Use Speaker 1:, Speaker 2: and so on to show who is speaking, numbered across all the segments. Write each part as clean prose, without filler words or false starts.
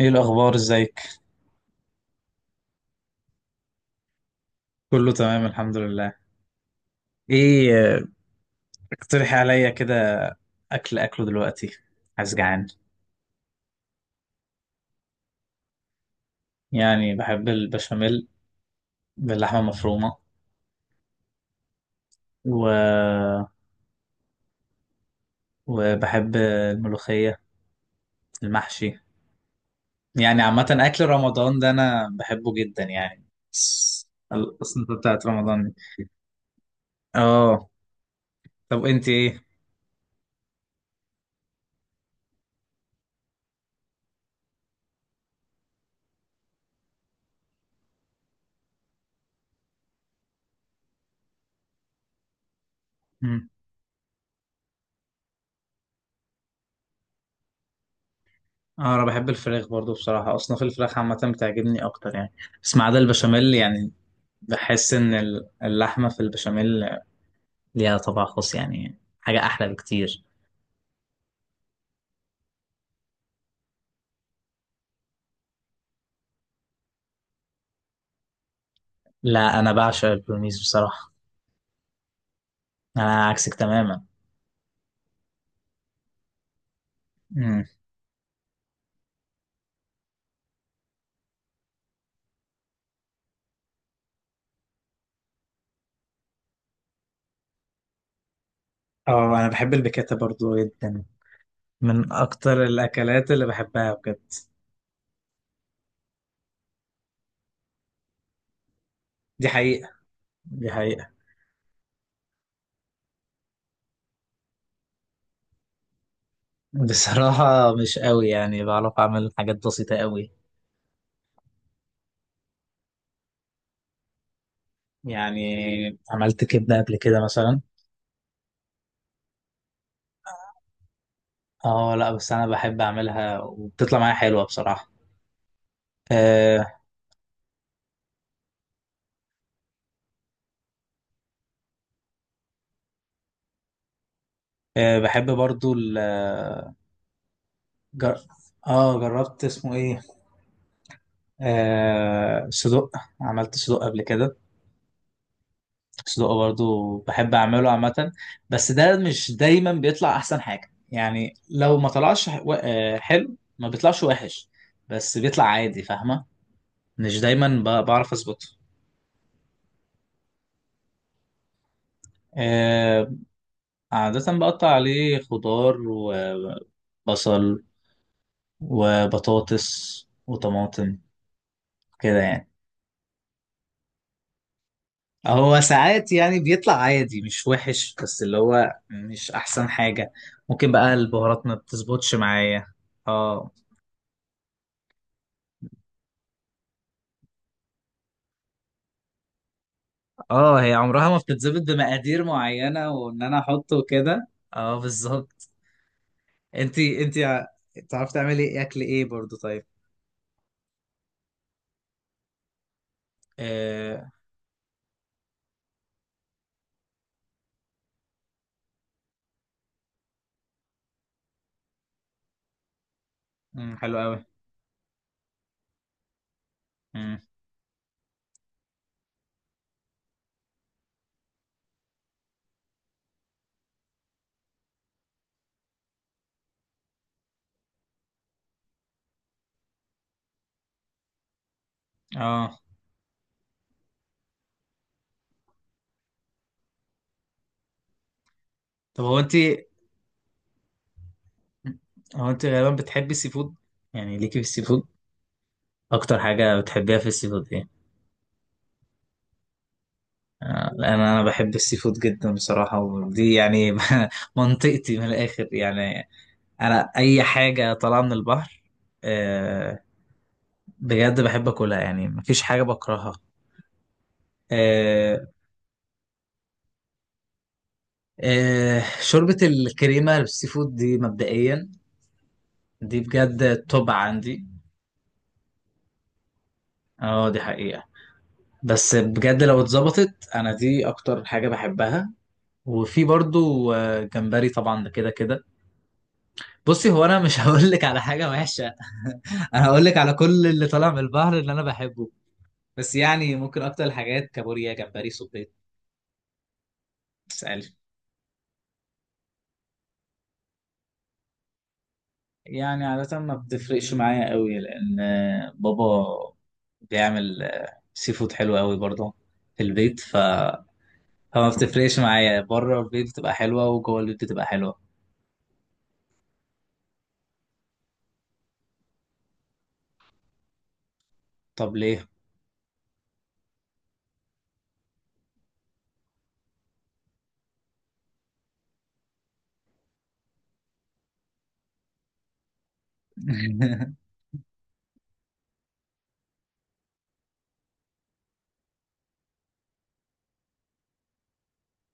Speaker 1: ايه الاخبار، ازيك؟ كله تمام الحمد لله. ايه اقترحي عليا كده. اكل اكله دلوقتي، عايز، جعان. يعني بحب البشاميل باللحمه المفرومه و... وبحب الملوخيه، المحشي. يعني عامه اكل رمضان ده انا بحبه جدا يعني. الس- السنه بتاعت رمضان دي. اه. طب انت ايه؟ مم. اه انا بحب الفراخ برضو، بصراحه اصناف الفراخ عامه بتعجبني اكتر يعني. بس ما عدا البشاميل يعني. بحس ان اللحمه في البشاميل ليها طبع خاص، يعني حاجه احلى بكتير. لا انا بعشق البولونيز بصراحه. انا عكسك تماما. امم اه انا بحب البيكاتا برضو جدا، من اكتر الاكلات اللي بحبها بجد. دي حقيقه، دي حقيقه. بصراحه مش قوي، يعني بعرف اعمل حاجات بسيطه قوي. يعني عملت كبده قبل كده مثلا. اه لا بس انا بحب اعملها وبتطلع معايا حلوه بصراحه. أه. أه بحب برضو. جر... اه جربت، اسمه ايه؟ صدق، عملت صدق قبل كده. صدق برضو بحب اعمله عامة. بس ده مش دايما بيطلع احسن حاجة، يعني لو ما طلعش حلو ما بيطلعش وحش، بس بيطلع عادي، فاهمة؟ مش دايما بعرف اظبطه. آه. عادة بقطع عليه خضار وبصل وبطاطس وطماطم كده يعني. هو ساعات يعني بيطلع عادي مش وحش، بس اللي هو مش احسن حاجة. ممكن بقى البهارات ما بتظبطش معايا. اه. اه هي عمرها ما بتتظبط بمقادير معينة، وان انا احطه كده. اه بالظبط. انتي تعرفي تعملي ايه اكل ايه برضو طيب؟ آه. مم، حلو قوي. مم. اه. طب هو انتي هو انتي غالبا بتحبي السي فود، يعني ليكي في السي فود. اكتر حاجة بتحبيها في السي فود ايه؟ آه، انا بحب السي فود جدا بصراحه، ودي يعني منطقتي من الاخر يعني. انا اي حاجه طالعه من البحر، آه، بجد بحب اكلها يعني، مفيش حاجه بكرهها. آه. آه، شوربه الكريمه بالسي فود دي مبدئيا، دي بجد توب عندي. اه دي حقيقه. بس بجد لو اتظبطت، انا دي اكتر حاجه بحبها. وفي برضو آه، جمبري طبعا ده كده كده. بصي هو انا مش هقول لك على حاجه وحشه انا هقول لك على كل اللي طالع من البحر اللي انا بحبه. بس يعني ممكن اكتر الحاجات: كابوريا، جمبري، صبيط. تسألي. يعني عادة ما بتفرقش معايا قوي، لأن آه، بابا بيعمل آه، سي فود حلو قوي برضه في البيت، فما بتفرقش معايا، بره البيت بتبقى حلوة وجوه البيت بتبقى حلوة. طب ليه؟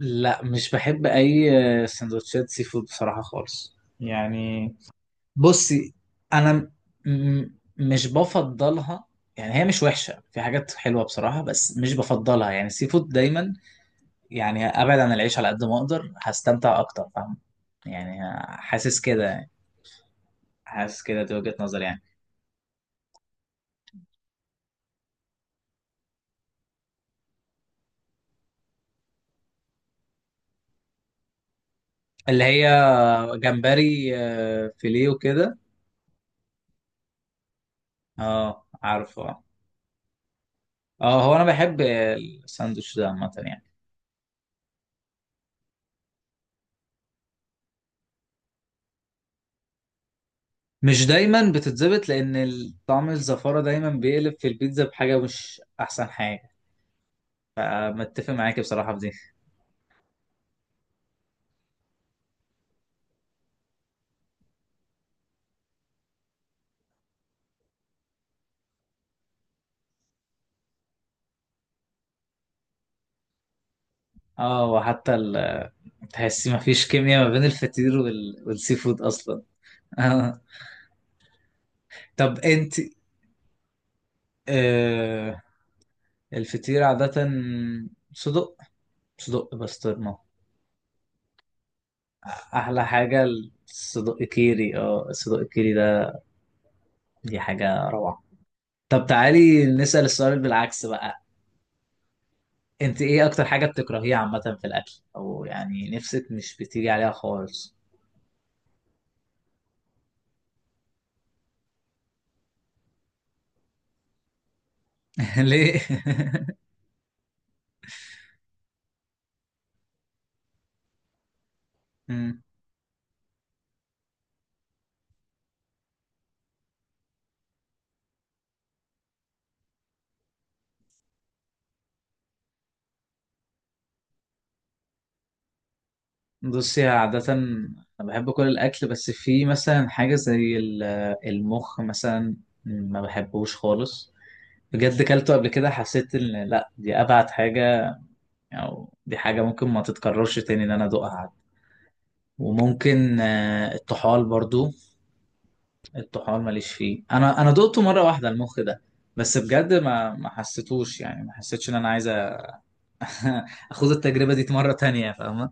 Speaker 1: لا مش بحب أي آه، سندوتشات سي فود بصراحة خالص يعني. بصي انا م- مش بفضلها. يعني هي مش وحشه، في حاجات حلوه بصراحه، بس مش بفضلها يعني السي فود دايما. يعني ابعد عن العيش على قد ما اقدر، هستمتع اكتر، فاهم يعني؟ حاسس كده يعني. حاسس كده، دي وجهه نظري يعني. اللي هي جمبري آه، فيليه وكده. اه عارفه اه. آه، هو انا بحب الساندوتش ده عامه يعني. مش دايما بتتظبط لان طعم الزفاره دايما بيقلب في البيتزا بحاجه مش احسن حاجه. آه، متفق معاك بصراحة في دي. اه وحتى تحسي ما فيش كيمياء ما بين الفطير والسي فود اصلا. آه. طب انت، آه... الفطير عادة صدق، صدق بسطرمة، احلى حاجة. الصدق كيري، اه الصدق كيري ده، دي حاجة روعة. طب تعالي نسأل السؤال بالعكس بقى. انت ايه اكتر حاجة بتكرهيها عامة في الاكل، او يعني نفسك مش بتيجي عليها خالص؟ ليه؟ بصي عادة أنا بحب كل الأكل، بس في مثلا حاجة زي المخ مثلا، ما بحبوش خالص. بجد كلته قبل كده، حسيت إن لأ دي أبعد حاجة، أو دي حاجة ممكن ما تتكررش تاني إن أنا أدوقها عاد. وممكن آه، الطحال برضو. الطحال ماليش فيه. أنا دقته مرة واحدة المخ ده، بس بجد ما حسيتوش، يعني ما حسيتش إن أنا عايز أخوض التجربة دي مرة تانية، فاهمة؟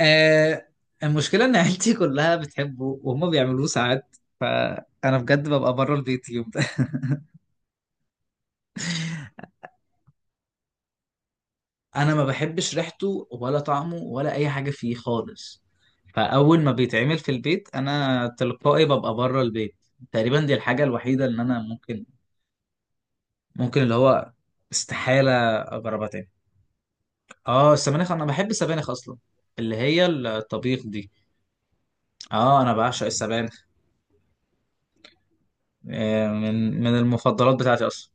Speaker 1: آه. المشكلة إن عيلتي كلها بتحبه، وهم بيعملوه ساعات فأنا بجد ببقى بره البيت يوم ده أنا ما بحبش ريحته ولا طعمه ولا أي حاجة فيه خالص. فأول ما بيتعمل في البيت أنا تلقائي ببقى بره البيت. تقريبا دي الحاجة الوحيدة اللي أنا ممكن، ممكن اللي هو، استحالة أجربها تاني. آه السبانخ، أنا بحب السبانخ أصلا، اللي هي الطبيخ دي. آه أنا بعشق السبانخ. آه، من المفضلات بتاعتي أصلا.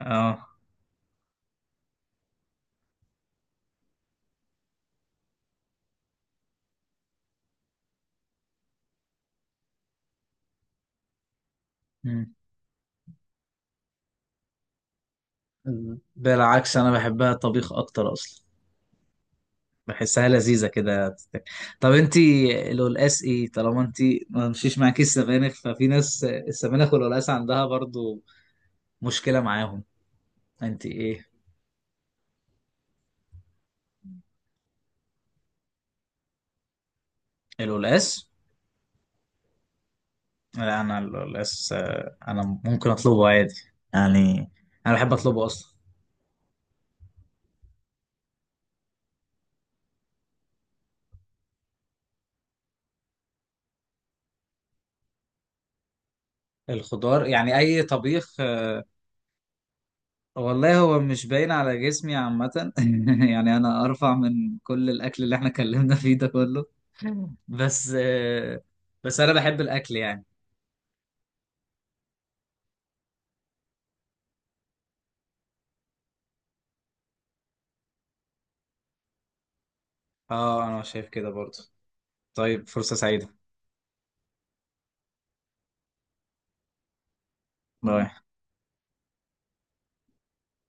Speaker 1: آه بالعكس انا بحبها طبيخ اكتر اصلا، بحسها لذيذه كده. طب انت القلقاس ايه؟ طالما انت ما مشيش معاكي السبانخ، ففي ناس السبانخ والقلقاس عندها برضو مشكله معاهم. انت ايه؟ القلقاس. لا انا القلقاس آه، انا ممكن اطلبه عادي يعني، انا بحب اطلبه اصلا. الخضار يعني اي طبيخ. والله هو مش باين على جسمي عامة يعني أنا أرفع من كل الأكل اللي احنا اتكلمنا فيه ده كله. بس آه، بس أنا بحب الأكل يعني. اه أنا شايف كده برضه. طيب، فرصة سعيدة. باي.